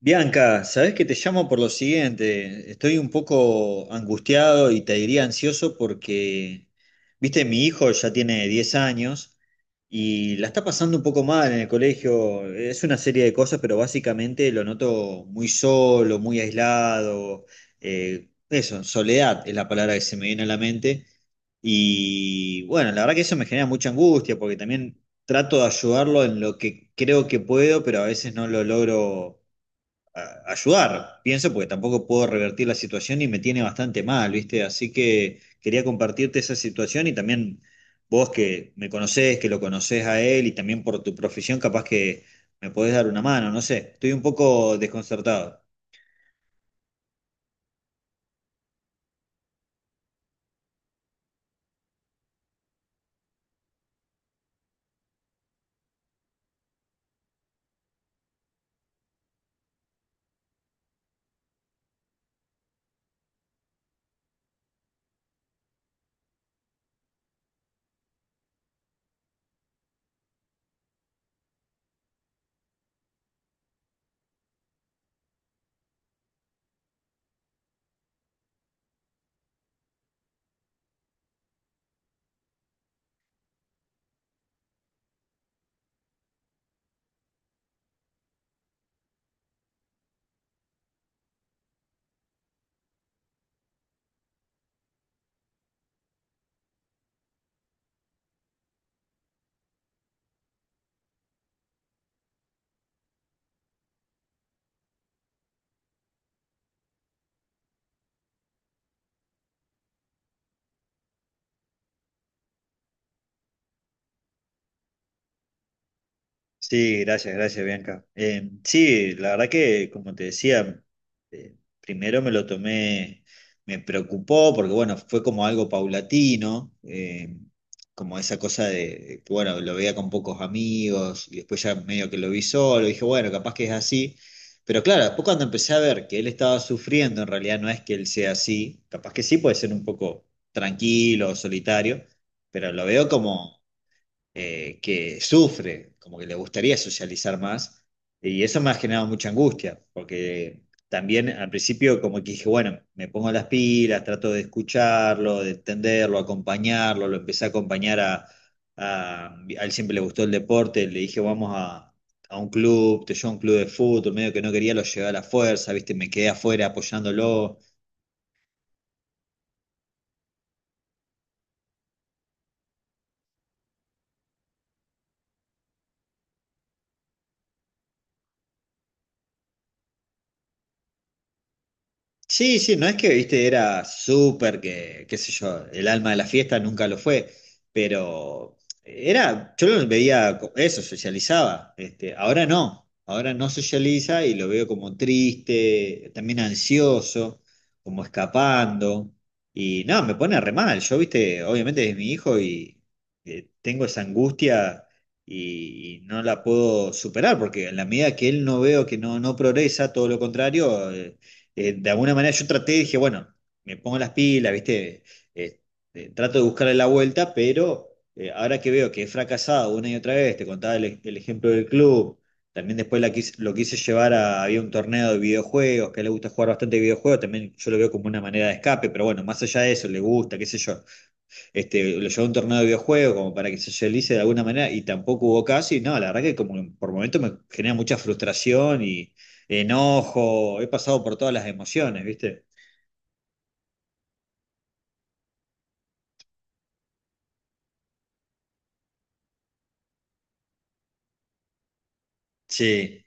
Bianca, sabes que te llamo por lo siguiente. Estoy un poco angustiado y te diría ansioso porque, viste, mi hijo ya tiene 10 años y la está pasando un poco mal en el colegio. Es una serie de cosas, pero básicamente lo noto muy solo, muy aislado. Eso, soledad es la palabra que se me viene a la mente. Y bueno, la verdad que eso me genera mucha angustia porque también trato de ayudarlo en lo que creo que puedo, pero a veces no lo logro ayudar, pienso, porque tampoco puedo revertir la situación y me tiene bastante mal, ¿viste? Así que quería compartirte esa situación y también vos que me conocés, que lo conocés a él y también por tu profesión, capaz que me podés dar una mano, no sé, estoy un poco desconcertado. Sí, gracias, gracias, Bianca. Sí, la verdad que, como te decía, primero me lo tomé, me preocupó porque, bueno, fue como algo paulatino, como esa cosa de, que, bueno, lo veía con pocos amigos y después ya medio que lo vi solo, dije, bueno, capaz que es así. Pero claro, después cuando empecé a ver que él estaba sufriendo, en realidad no es que él sea así, capaz que sí puede ser un poco tranquilo, solitario, pero lo veo como que sufre, como que le gustaría socializar más, y eso me ha generado mucha angustia, porque también al principio como que dije, bueno, me pongo las pilas, trato de escucharlo, de entenderlo, acompañarlo, lo empecé a acompañar a, a él. Siempre le gustó el deporte, le dije, vamos a un club, te llevo a un club de fútbol, medio que no quería, lo llevé a la fuerza, viste, me quedé afuera apoyándolo. Sí, sí, no es que, viste, era súper que, qué sé yo, el alma de la fiesta nunca lo fue, pero era, yo lo veía, eso, socializaba, este, ahora no socializa y lo veo como triste, también ansioso, como escapando, y no, me pone re mal, yo, viste, obviamente es mi hijo y tengo esa angustia y no la puedo superar, porque en la medida que él no veo que no progresa, todo lo contrario. De alguna manera yo traté, dije, bueno, me pongo las pilas, ¿viste? Eh, Trato de buscarle la vuelta, pero ahora que veo que he fracasado una y otra vez, te contaba el ejemplo del club, también después lo quise llevar a, había un torneo de videojuegos, que a él le gusta jugar bastante videojuegos, también yo lo veo como una manera de escape, pero bueno, más allá de eso, le gusta, qué sé yo. Este, lo llevó a un torneo de videojuegos como para que se socialice de alguna manera y tampoco hubo casi. No, la verdad que como que por momentos me genera mucha frustración y enojo. He pasado por todas las emociones, ¿viste? Sí,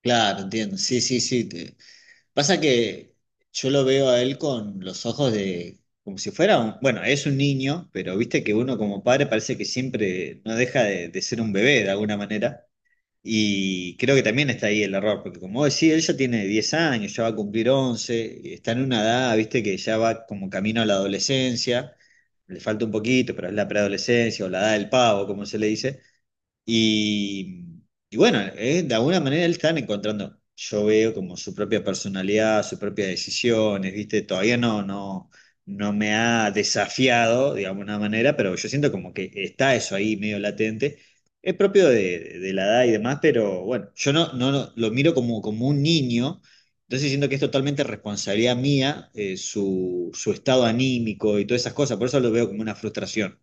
claro, entiendo. Sí, sí, sí. Pasa que yo lo veo a él con los ojos de, como si fuera un, bueno, es un niño, pero viste que uno como padre parece que siempre no deja de ser un bebé de alguna manera. Y creo que también está ahí el error, porque como vos decís, él ya tiene 10 años, ya va a cumplir 11, está en una edad, viste, que ya va como camino a la adolescencia, le falta un poquito, pero es la preadolescencia o la edad del pavo, como se le dice. Y, y bueno, de alguna manera él está encontrando, yo veo como su propia personalidad, sus propias decisiones, ¿viste? Todavía no me ha desafiado de alguna manera, pero yo siento como que está eso ahí medio latente. Es propio de la edad y demás, pero bueno, yo lo miro como, como un niño, entonces siento que es totalmente responsabilidad mía, su estado anímico y todas esas cosas, por eso lo veo como una frustración.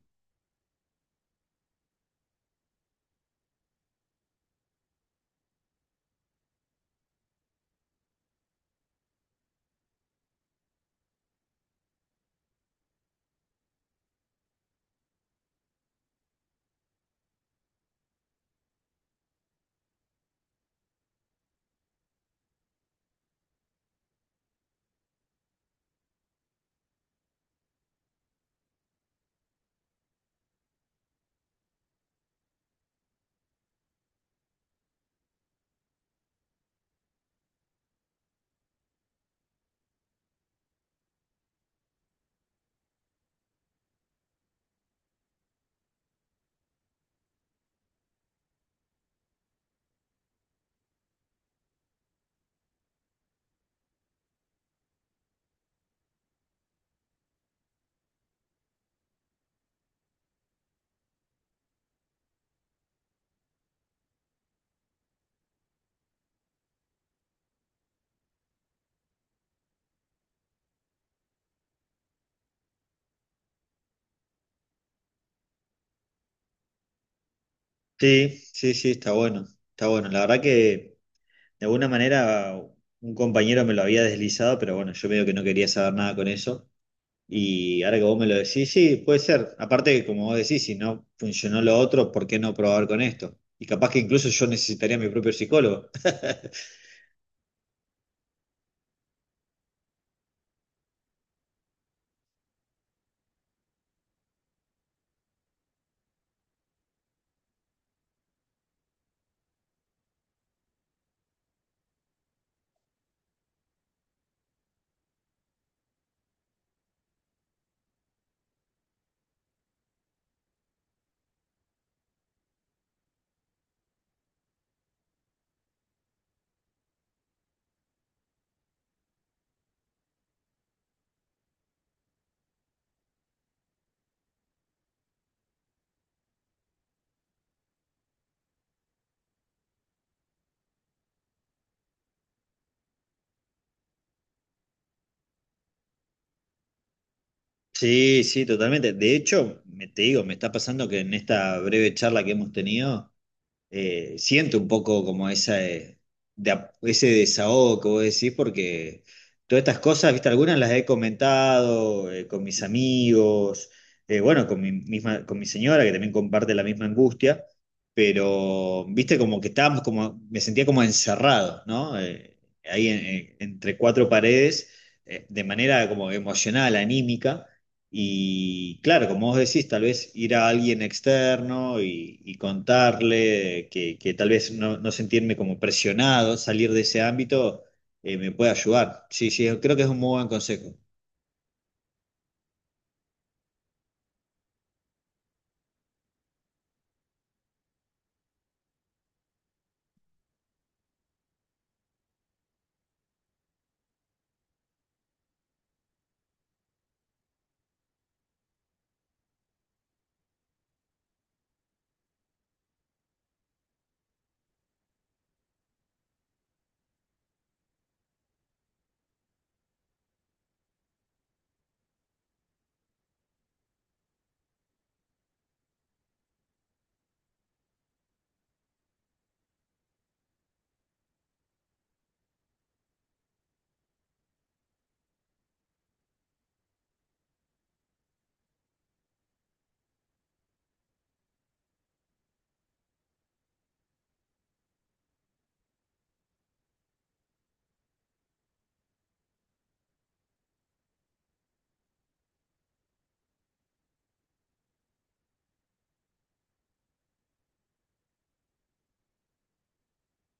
Sí, sí, sí, está bueno, está bueno. La verdad que de alguna manera un compañero me lo había deslizado, pero bueno, yo medio que no quería saber nada con eso. Y ahora que vos me lo decís, sí, puede ser. Aparte que como vos decís, si no funcionó lo otro, ¿por qué no probar con esto? Y capaz que incluso yo necesitaría mi propio psicólogo. Sí, sí, totalmente. De hecho, te digo, me está pasando que en esta breve charla que hemos tenido... siento un poco como esa, ese desahogo que vos decís, porque todas estas cosas, viste, algunas las he comentado con mis amigos, bueno, con mi misma, con mi señora, que también comparte la misma angustia, pero, viste, como que estábamos como, me sentía como encerrado, ¿no? Ahí entre cuatro paredes, de manera como emocional, anímica. Y claro, como vos decís, tal vez ir a alguien externo y contarle que tal vez no sentirme como presionado, salir de ese ámbito, me puede ayudar. Sí, sí, creo que es un muy buen consejo.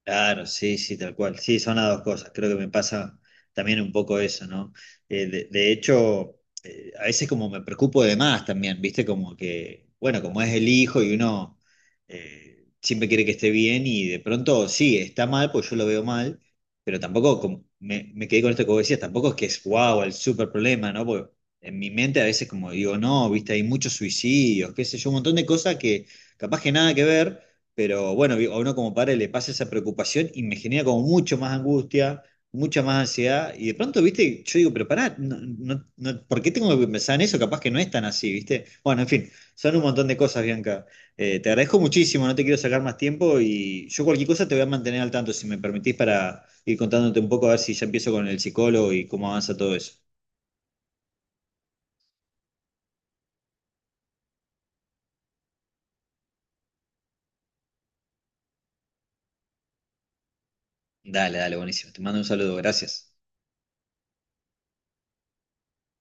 Claro, sí, sí, tal cual. Sí, son las dos cosas. Creo que me pasa también un poco eso, ¿no? De hecho, a veces como me preocupo de más también, ¿viste? Como que, bueno, como es el hijo y uno siempre quiere que esté bien y de pronto sí, está mal, pues yo lo veo mal, pero tampoco, me quedé con esto que vos decías, tampoco es que es wow, el súper problema, ¿no? Porque en mi mente a veces como digo, no, ¿viste? Hay muchos suicidios, qué sé yo, un montón de cosas que capaz que nada que ver. Pero bueno, digo, a uno como padre le pasa esa preocupación y me genera como mucho más angustia, mucha más ansiedad. Y de pronto, viste, yo digo, pero pará, no, ¿por qué tengo que pensar en eso? Capaz que no es tan así, viste. Bueno, en fin, son un montón de cosas, Bianca. Te agradezco muchísimo, no te quiero sacar más tiempo y yo cualquier cosa te voy a mantener al tanto, si me permitís, para ir contándote un poco, a ver si ya empiezo con el psicólogo y cómo avanza todo eso. Dale, dale, buenísimo. Te mando un saludo, gracias.